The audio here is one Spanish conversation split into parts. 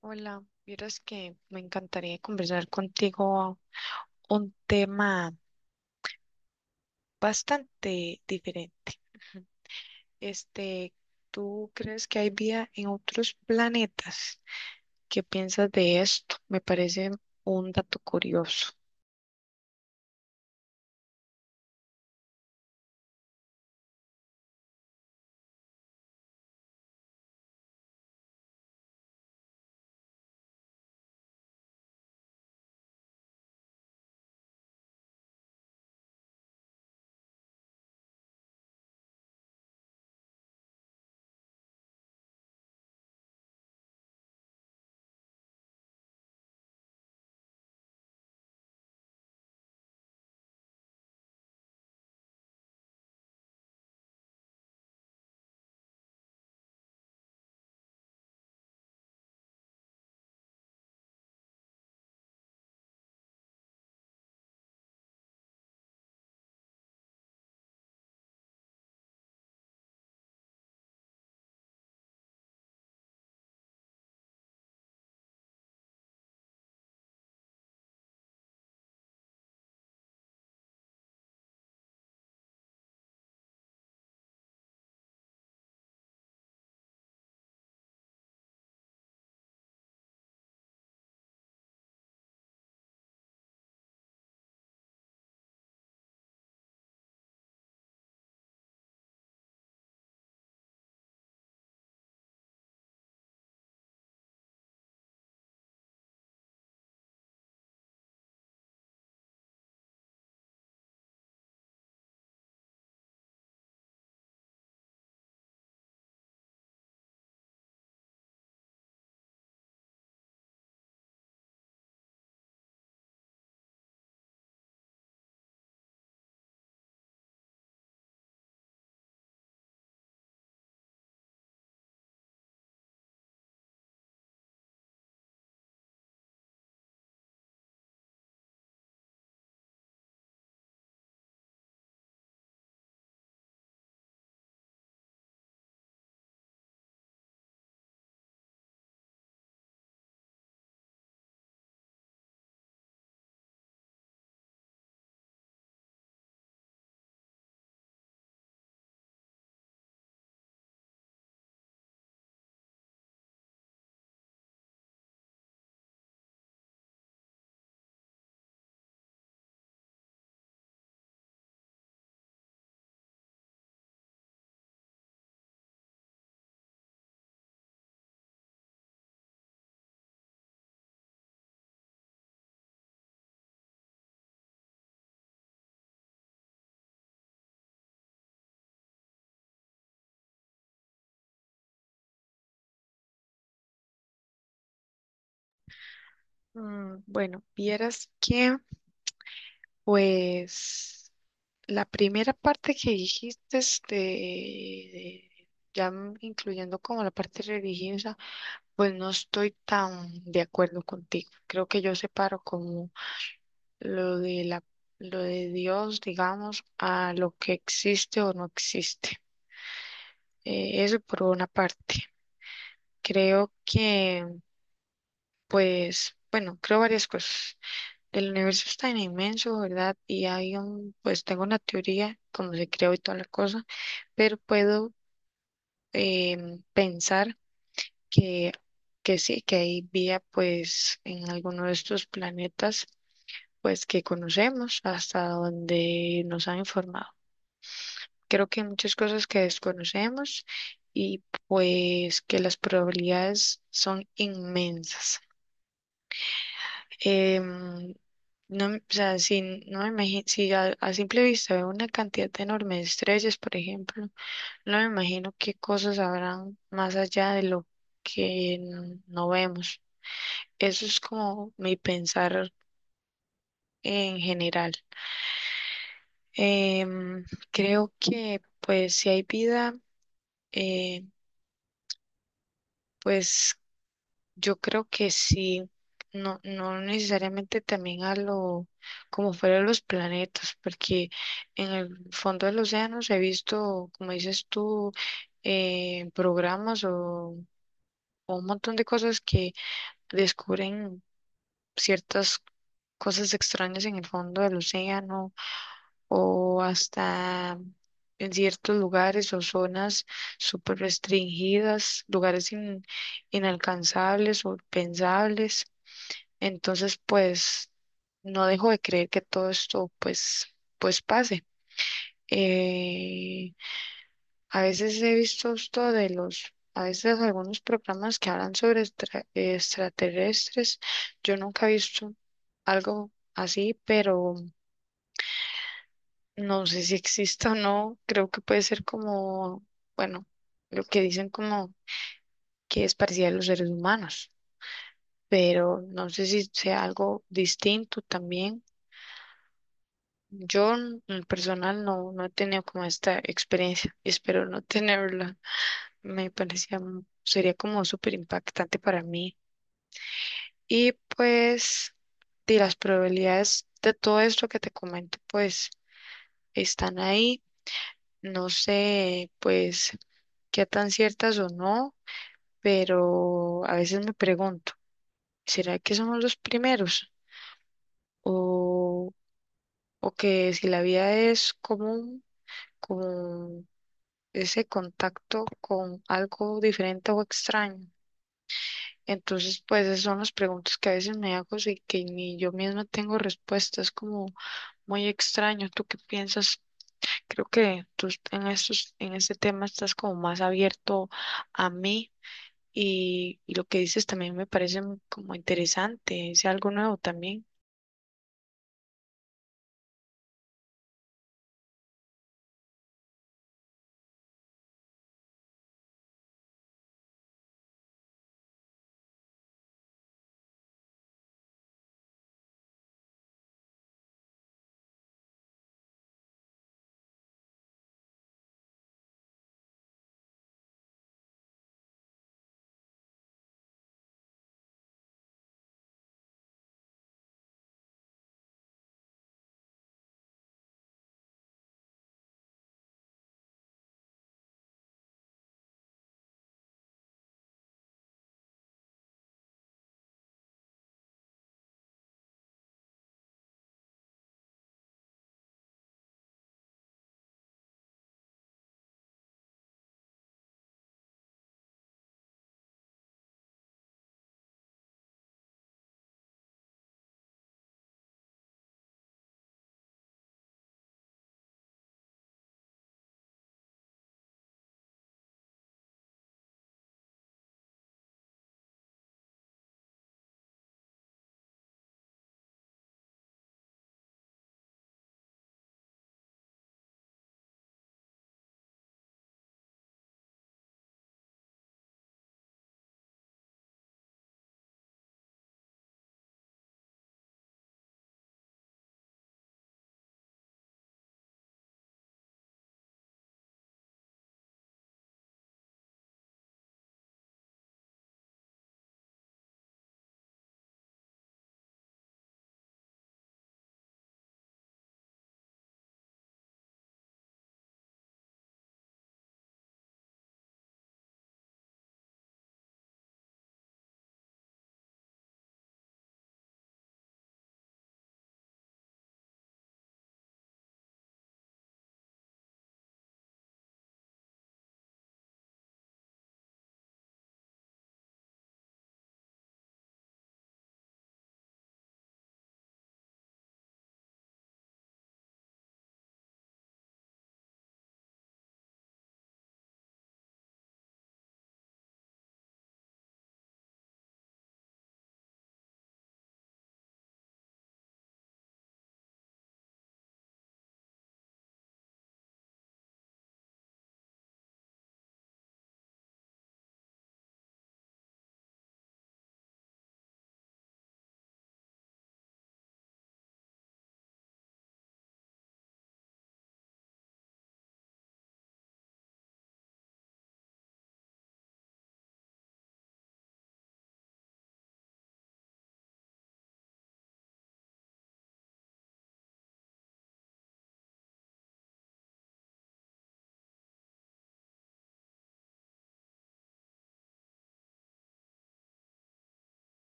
Hola, vieras que me encantaría conversar contigo un tema bastante diferente. Ujú. Este, ¿Tú crees que hay vida en otros planetas? ¿Qué piensas de esto? Me parece un dato curioso. Mm, bueno, vieras que, pues, la primera parte que dijiste, ya incluyendo como la parte religiosa. Pues no estoy tan de acuerdo contigo. Creo que yo separo como lo de la, lo de Dios, digamos, a lo que existe o no existe. Eso por una parte. Creo que, pues, bueno, creo varias cosas. El universo es tan inmenso, ¿verdad? Y hay un, pues tengo una teoría, como se creó y toda la cosa, pero puedo pensar que, que sí, que hay vida, pues, en alguno de estos planetas pues que conocemos hasta donde nos han informado. Creo que hay muchas cosas que desconocemos y pues que las probabilidades son inmensas. Em, no, o sea, si no me imagino, si a simple vista veo una cantidad enorme de estrellas, por ejemplo, no me imagino qué cosas habrán más allá de lo que no vemos. Eso es como mi pensar en general. Em, Creo que pues si hay vida, eh, pues yo creo que sí, no, no necesariamente también a lo como fuera de los planetas, porque en el fondo de los océanos he visto, como dices tú, programas o un montón de cosas que descubren ciertas cosas extrañas en el fondo del océano o hasta en ciertos lugares o zonas súper restringidas, lugares inalcanzables o pensables. Entonces, pues no dejo de creer que todo esto pues pase. Eh, a veces he visto esto de los, a veces algunos programas que hablan sobre extraterrestres. Yo nunca he visto algo así, pero no sé si exista o no. Creo que puede ser como, bueno, lo que dicen como que es parecida a los seres humanos, pero no sé si sea algo distinto también. Yo en lo personal no, no he tenido como esta experiencia, y espero no tenerla. Me parecía, sería como súper impactante para mí. Y pues, de las probabilidades de todo esto que te comento, pues están ahí. No sé, pues, qué tan ciertas o no, pero a veces me pregunto, ¿será que somos los primeros? ¿O, o que si la vida es común, como ese contacto con algo diferente o extraño? Entonces, pues esas son las preguntas que a veces me hago y que ni yo misma tengo respuestas, como muy extraño. ¿Tú qué piensas? Creo que tú en en este tema estás como más abierto a mí, y lo que dices también me parece como interesante, es algo nuevo también.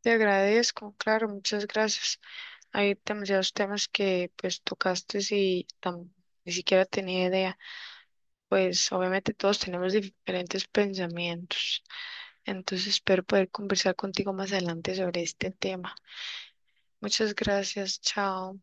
Te agradezco, claro, muchas gracias. Hay demasiados temas que pues tocaste y ni siquiera tenía idea. Pues obviamente todos tenemos diferentes pensamientos, entonces espero poder conversar contigo más adelante sobre este tema. Muchas gracias, chao.